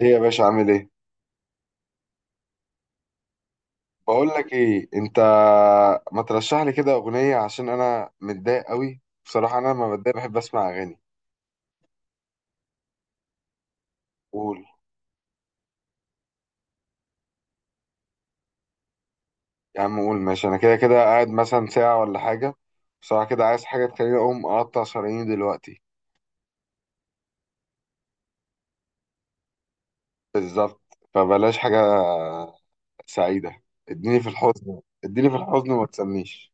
ايه يا باشا عامل ايه؟ بقول لك ايه، انت ما ترشح لي كده اغنيه عشان انا متضايق قوي، بصراحه انا لما بتضايق بحب اسمع اغاني. قول. يا عم قول ماشي، انا كده كده قاعد مثلا ساعه ولا حاجه. بصراحه كده عايز حاجه تخليني اقوم اقطع شراييني دلوقتي. بالظبط، فبلاش حاجه سعيده. اديني في الحزن اديني في الحزن وما تسميش.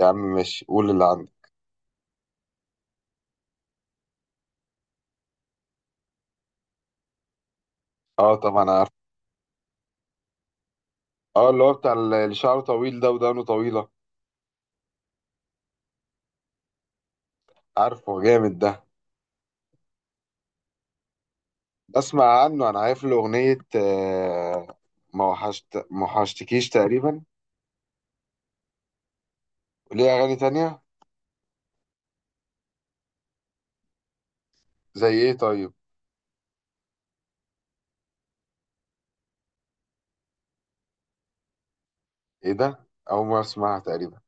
يا عم ماشي قول اللي عندك. اه طبعا عارف. اه، اللي هو بتاع اللي شعره طويل ده ودانه طويله. عارفه جامد ده؟ بسمع عنه، انا عارف له اغنيه ما وحشت ما وحشتكيش تقريبا. ليه اغاني تانية؟ زي ايه طيب؟ ايه ده، اول مره اسمعها تقريبا.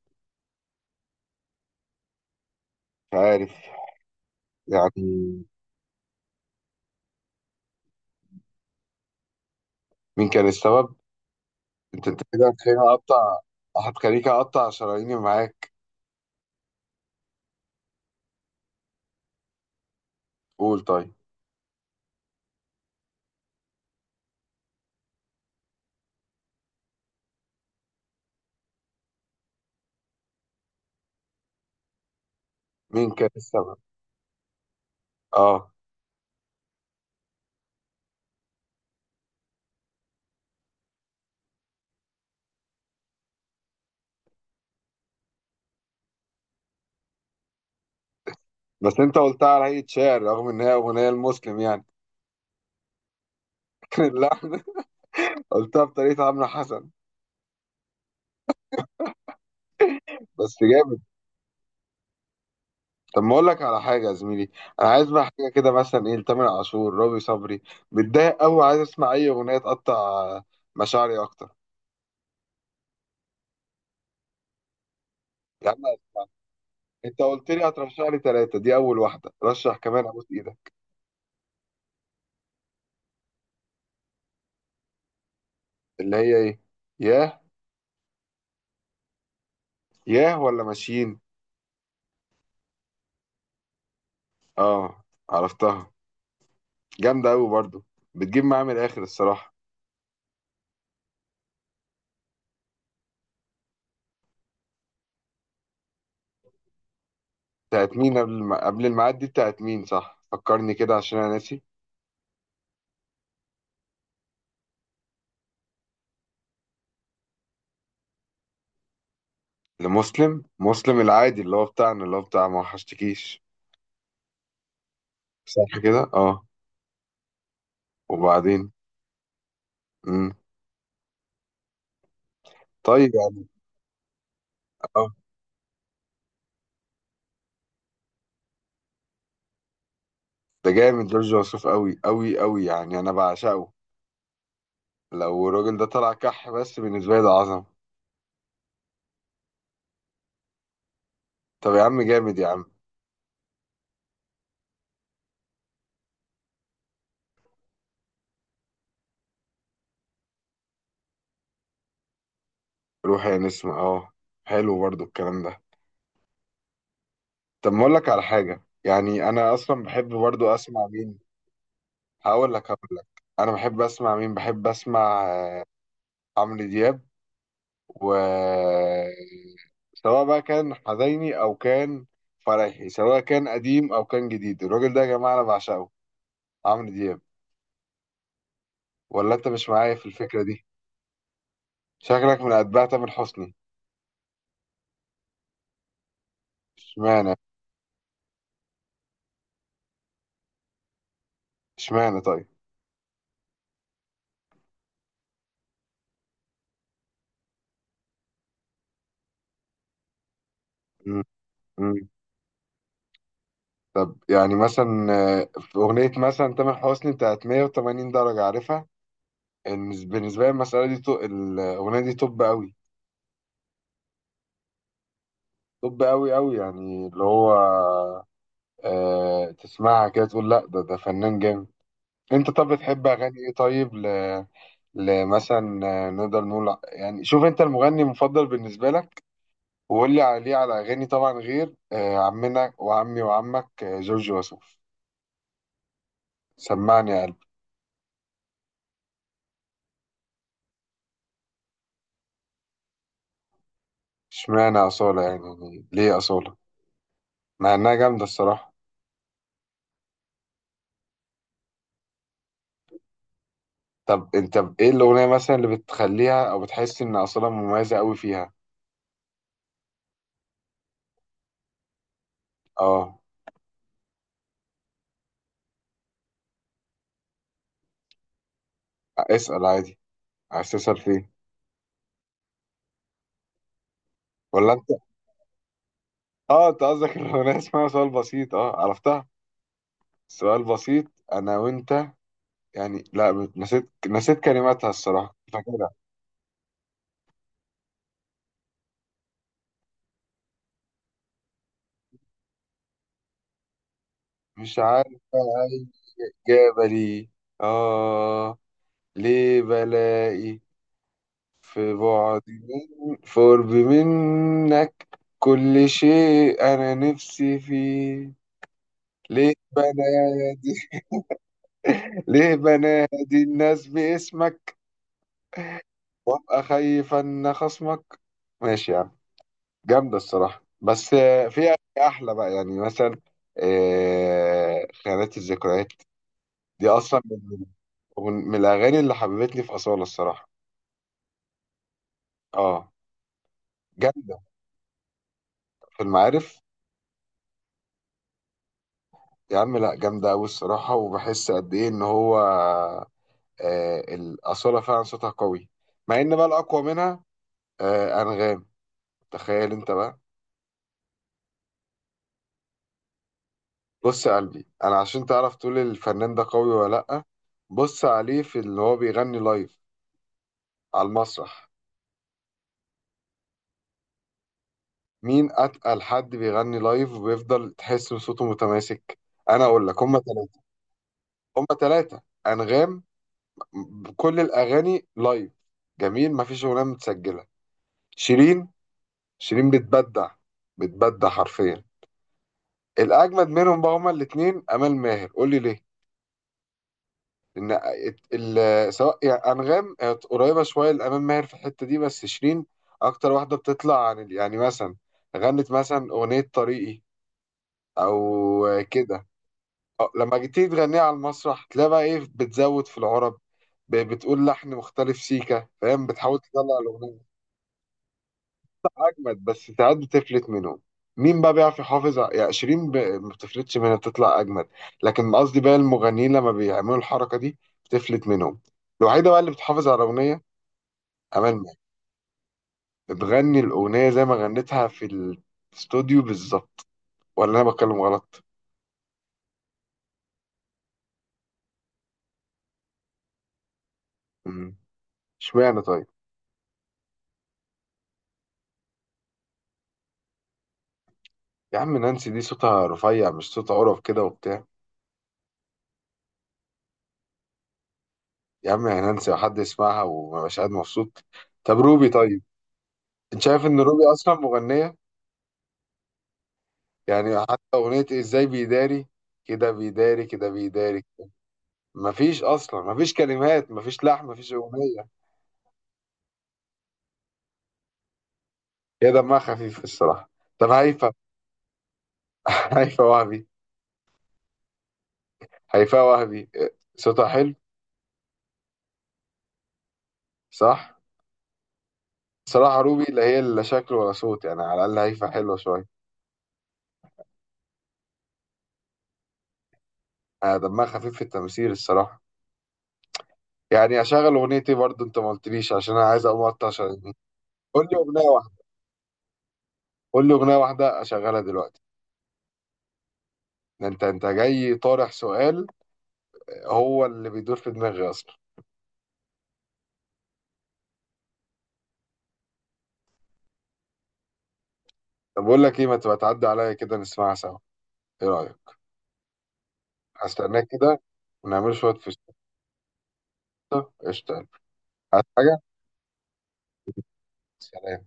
مش عارف. يعني. مين كان السبب. انت كده هتخليني اقطع. هتخليك اقطع شراييني معاك. قول طيب. مين كان السبب. اه. بس انت قلتها على هيئه شعر رغم ان هي اغنيه المسلم يعني. كان اللحن. قلتها بطريقه عمرو حسن. بس جامد. طب ما اقول لك على حاجه يا زميلي. انا عايز بقى حاجه كده مثلا ايه، لتامر عاشور رامي صبري. متضايق قوي عايز اسمع اي اغنيه تقطع مشاعري اكتر. يا عم اسمع. انت قلت لي هترشح لي ثلاثه، دي اول واحده، رشح كمان ابوس ايدك. اللي هي ايه؟ ياه. ياه، ولا ماشيين؟ اه، عرفتها. جامده قوي برضو. بتجيب معايا من الاخر الصراحه. بتاعت مين؟ قبل قبل الميعاد دي بتاعت مين؟ صح، فكرني كده عشان انا ناسي. لمسلم مسلم العادي اللي هو بتاعنا اللي هو بتاع ما وحشتكيش. صح كده، اه. وبعدين. مم. طيب يعني. اه. ده جامد جورج وسوف قوي قوي قوي يعني انا بعشقه. لو الراجل ده طلع كح بس بالنسبه لي ده عظمه. طب يا عم جامد يا عم. روح يا نسمة اه. حلو برضو الكلام ده. طب ما اقول لك على حاجه، يعني انا اصلا بحب برضو اسمع مين. هقول لك. انا بحب اسمع مين، بحب اسمع عمرو دياب. و سواء بقى كان حزيني او كان فرحي، سواء كان قديم او كان جديد، الراجل ده يا جماعه انا بعشقه، عمرو دياب. ولا انت مش معايا في الفكرة دي؟ شكلك من اتباع تامر حسني. اشمعنى. اشمعنى طيب. مم. مم. طب يعني مثلا في اغنية مثلا تامر حسني بتاعت 180 درجة، عارفها؟ إن بالنسبة لي المسألة دي الاغنية دي توب قوي. توب قوي قوي يعني اللي هو آه تسمعها كده تقول لا ده ده فنان جامد. انت طب بتحب اغاني ايه طيب ل... لمثلا نقدر نقول يعني شوف انت المغني المفضل بالنسبة لك وقول لي عليه على أغاني، طبعا غير عمنا وعمي وعمك جورج وسوف، سمعني يا قلبي. اشمعنى أصالة يعني، يعني ليه أصالة؟ مع إنها جامدة الصراحة. طب أنت إيه الأغنية مثلا اللي بتخليها أو بتحس إن أصالة مميزة أوي فيها؟ أه، اسأل عادي. عايز تسأل فيه ولا أنت؟ أه أنت قصدك الأغنية اسمها سؤال بسيط أه عرفتها. سؤال بسيط. أنا وأنت. يعني لا نسيت، نسيت كلماتها الصراحة فاكرها. مش عارف. جبلي. آه. ليه بلائي في بعد من في قرب منك، كل شيء أنا نفسي فيه. ليه بنادي ليه بنادي الناس باسمك وأبقى خايف أن خصمك. ماشي يا عم. جامدة الصراحة، بس في أحلى بقى يعني مثلا خيانات الذكريات، دي أصلا من من الأغاني اللي حببتني في أصالة الصراحة. آه. جامدة. في المعارف. يا عم لا جامدة أوي الصراحة، وبحس قد إيه إن هو آه الأصالة فعلا صوتها قوي. مع إن بقى الأقوى منها آه أنغام. تخيل أنت بقى. بص يا قلبي، أنا عشان تعرف تقول الفنان ده قوي ولا لأ، بص عليه في اللي هو بيغني لايف على المسرح. مين أتقل حد بيغني لايف وبيفضل تحس إن صوته متماسك؟ أنا أقول لك هما تلاتة. هما تلاتة أنغام، بكل الأغاني لايف جميل، مفيش أغنية متسجلة. شيرين. شيرين بتبدع، بتبدع حرفيا. الاجمد منهم بقى هما الاثنين امال ماهر، قول لي ليه؟ لان سواء يعني انغام قريبه شويه لامال ماهر في الحته دي، بس شيرين اكتر واحده بتطلع عن يعني مثلا غنت مثلا اغنيه طريقي او كده، أه، لما جيتي تغنيها على المسرح تلاقي بقى ايه، بتزود في العرب، بتقول لحن مختلف سيكا فاهم، بتحاول تطلع الاغنيه. جامد، بس ساعات بتفلت منهم. مين بقى بيعرف يحافظ يعني شيرين ما بتفلتش منها بتطلع اجمد. لكن قصدي بقى المغنيين لما بيعملوا الحركه دي بتفلت منهم. الوحيده بقى اللي بتحافظ على الاغنيه امال ماهر. بتغني الاغنيه زي ما غنتها في الاستوديو بالظبط. ولا انا بتكلم غلط؟ مم. اشمعنى طيب. يا عم نانسي دي صوتها رفيع، مش صوتها قرف كده وبتاع. يا عم يا نانسي لو حد يسمعها وما بقاش قاعد مبسوط. طب روبي طيب. انت شايف ان روبي اصلا مغنيه؟ يعني حتى أغنية إزاي بيداري، كده بيداري كده بيداري. مفيش أصلا، مفيش كلمات، مفيش لحن، مفيش أغنية. هي دمها خفيف الصراحة. طب هيفا. هيفا وهبي. هيفا وهبي صوتها حلو. صح. صراحة روبي لا هي لا شكل ولا صوت، يعني على الأقل هيفا حلوة شوية. دمها خفيف في التمثيل الصراحة. يعني أشغل أغنيتي برضه أنت ما قلتليش، عشان أنا عايز أقوم أقطع شغلتي. قول لي أغنية واحدة. قول لي أغنية واحدة أشغلها دلوقتي. ده أنت أنت جاي طارح سؤال، هو اللي بيدور في دماغي أصلا. طب بقول لك ايه، ما تبقى تعدي عليا كده نسمعها سوا، ايه رأيك؟ هستناك كده ونعمل شوية في الشطة. قشطة. هات حاجة. سلام.